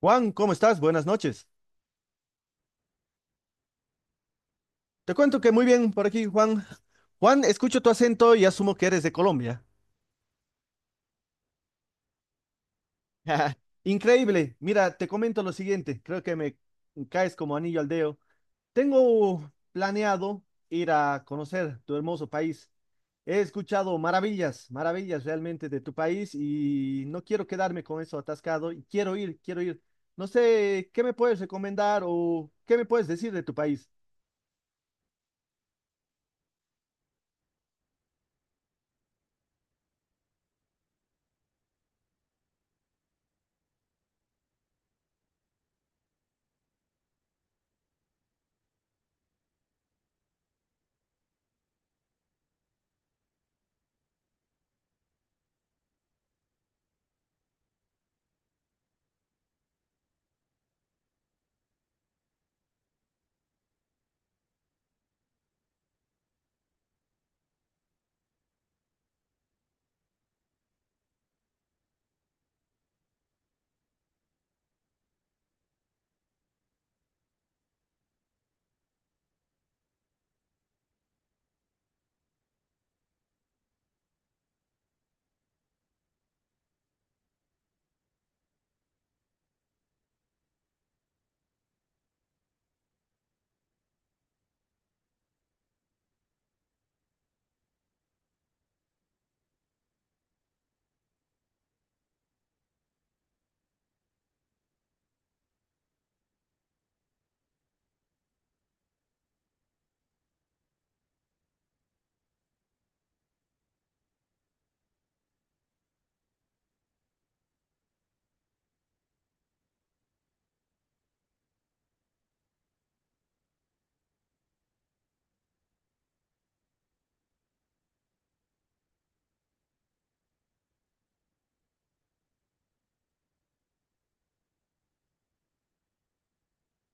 Juan, ¿cómo estás? Buenas noches. Te cuento que muy bien por aquí, Juan. Juan, escucho tu acento y asumo que eres de Colombia. Increíble. Mira, te comento lo siguiente. Creo que me caes como anillo al dedo. Tengo planeado ir a conocer tu hermoso país. He escuchado maravillas, maravillas realmente de tu país y no quiero quedarme con eso atascado. Quiero ir, quiero ir. No sé, ¿qué me puedes recomendar o qué me puedes decir de tu país?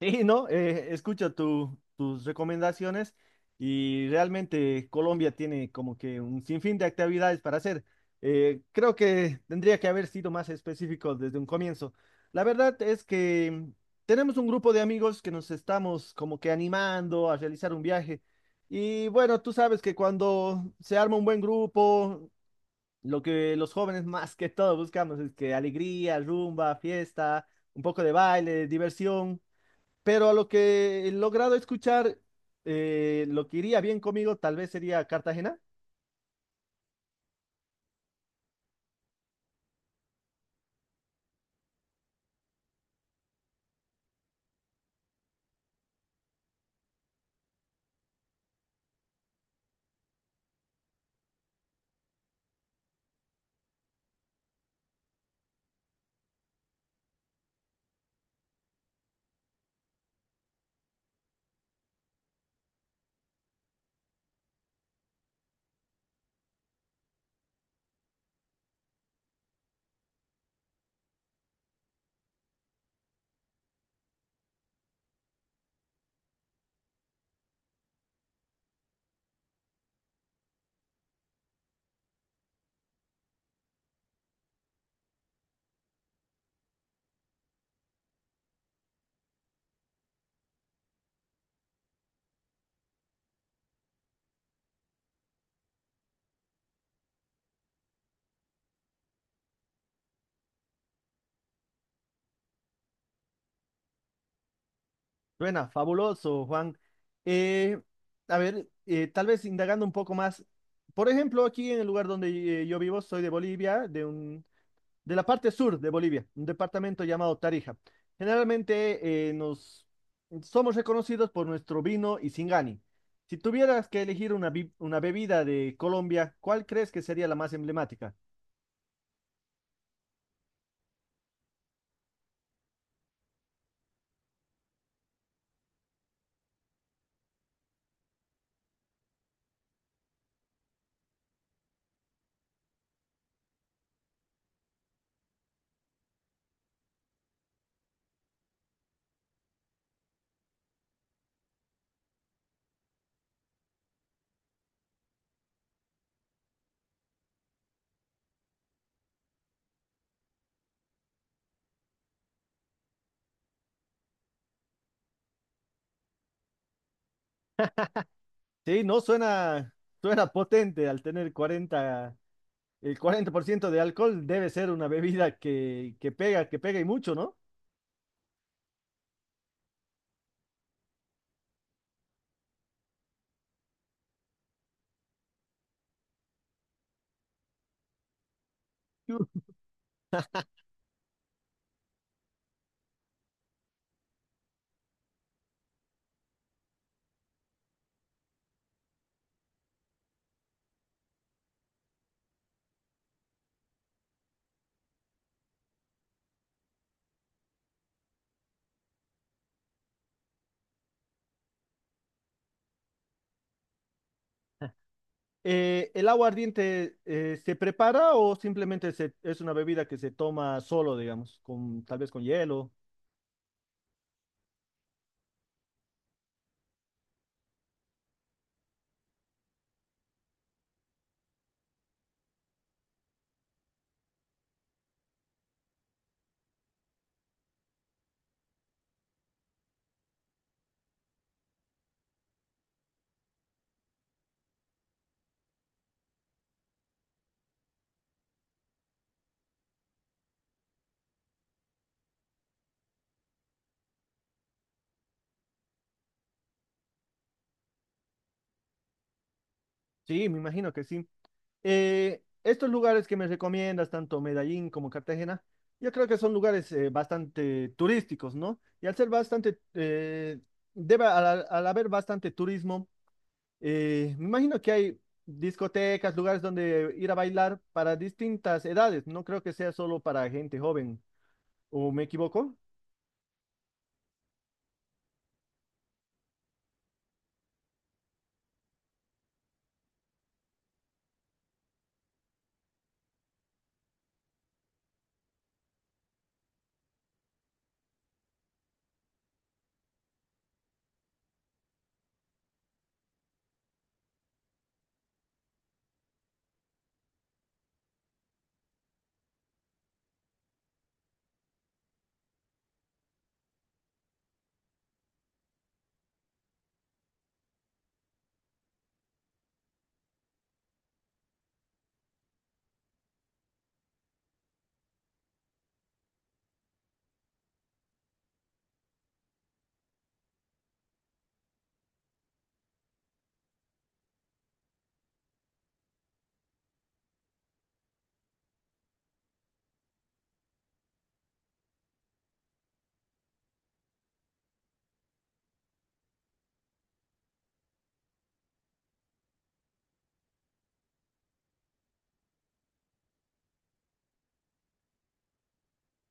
Sí, no, escucho tus recomendaciones y realmente Colombia tiene como que un sinfín de actividades para hacer. Creo que tendría que haber sido más específico desde un comienzo. La verdad es que tenemos un grupo de amigos que nos estamos como que animando a realizar un viaje. Y bueno, tú sabes que cuando se arma un buen grupo, lo que los jóvenes más que todo buscamos es que alegría, rumba, fiesta, un poco de baile, diversión. Pero a lo que he logrado escuchar, lo que iría bien conmigo tal vez sería Cartagena. Buena, fabuloso, Juan. Eh, a ver, tal vez indagando un poco más. Por ejemplo, aquí en el lugar donde yo vivo, soy de Bolivia, de la parte sur de Bolivia, un departamento llamado Tarija. Generalmente nos somos reconocidos por nuestro vino y Singani. Si tuvieras que elegir una, una bebida de Colombia, ¿cuál crees que sería la más emblemática? Sí, no, suena, suena potente al tener 40% de alcohol. Debe ser una bebida que pega y mucho, ¿no? ¿El agua ardiente se prepara o simplemente es una bebida que se toma solo, digamos, con, tal vez con hielo? Sí, me imagino que sí. Estos lugares que me recomiendas, tanto Medellín como Cartagena, yo creo que son lugares bastante turísticos, ¿no? Y al ser bastante, al haber bastante turismo, me imagino que hay discotecas, lugares donde ir a bailar para distintas edades. No creo que sea solo para gente joven. ¿O me equivoco?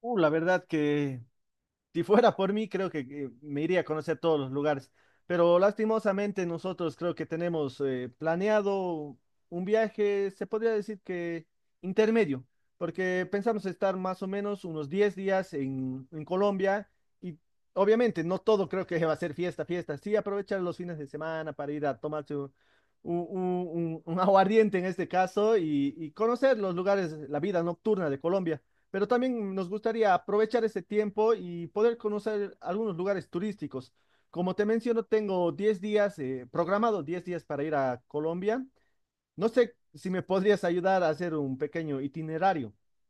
La verdad que si fuera por mí, creo que me iría a conocer todos los lugares, pero lastimosamente nosotros creo que tenemos planeado un viaje, se podría decir que intermedio, porque pensamos estar más o menos unos 10 días en Colombia y obviamente no todo creo que va a ser fiesta, fiesta, sí aprovechar los fines de semana para ir a tomarse un aguardiente en este caso y conocer los lugares, la vida nocturna de Colombia, pero también nos gustaría aprovechar ese tiempo y poder conocer algunos lugares turísticos. Como te menciono, tengo 10 días, programado 10 días para ir a Colombia. No sé si me podrías ayudar a hacer un pequeño itinerario.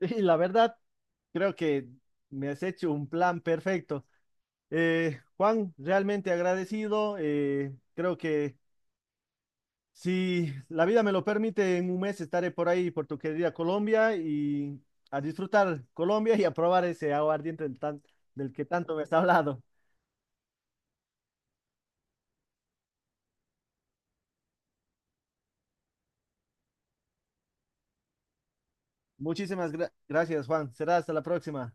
Y la verdad, creo que me has hecho un plan perfecto. Juan, realmente agradecido. Creo que Si la vida me lo permite, en 1 mes estaré por ahí, por tu querida Colombia, y a disfrutar Colombia y a probar ese aguardiente del que tanto me has hablado. Muchísimas gracias, Juan. Será hasta la próxima.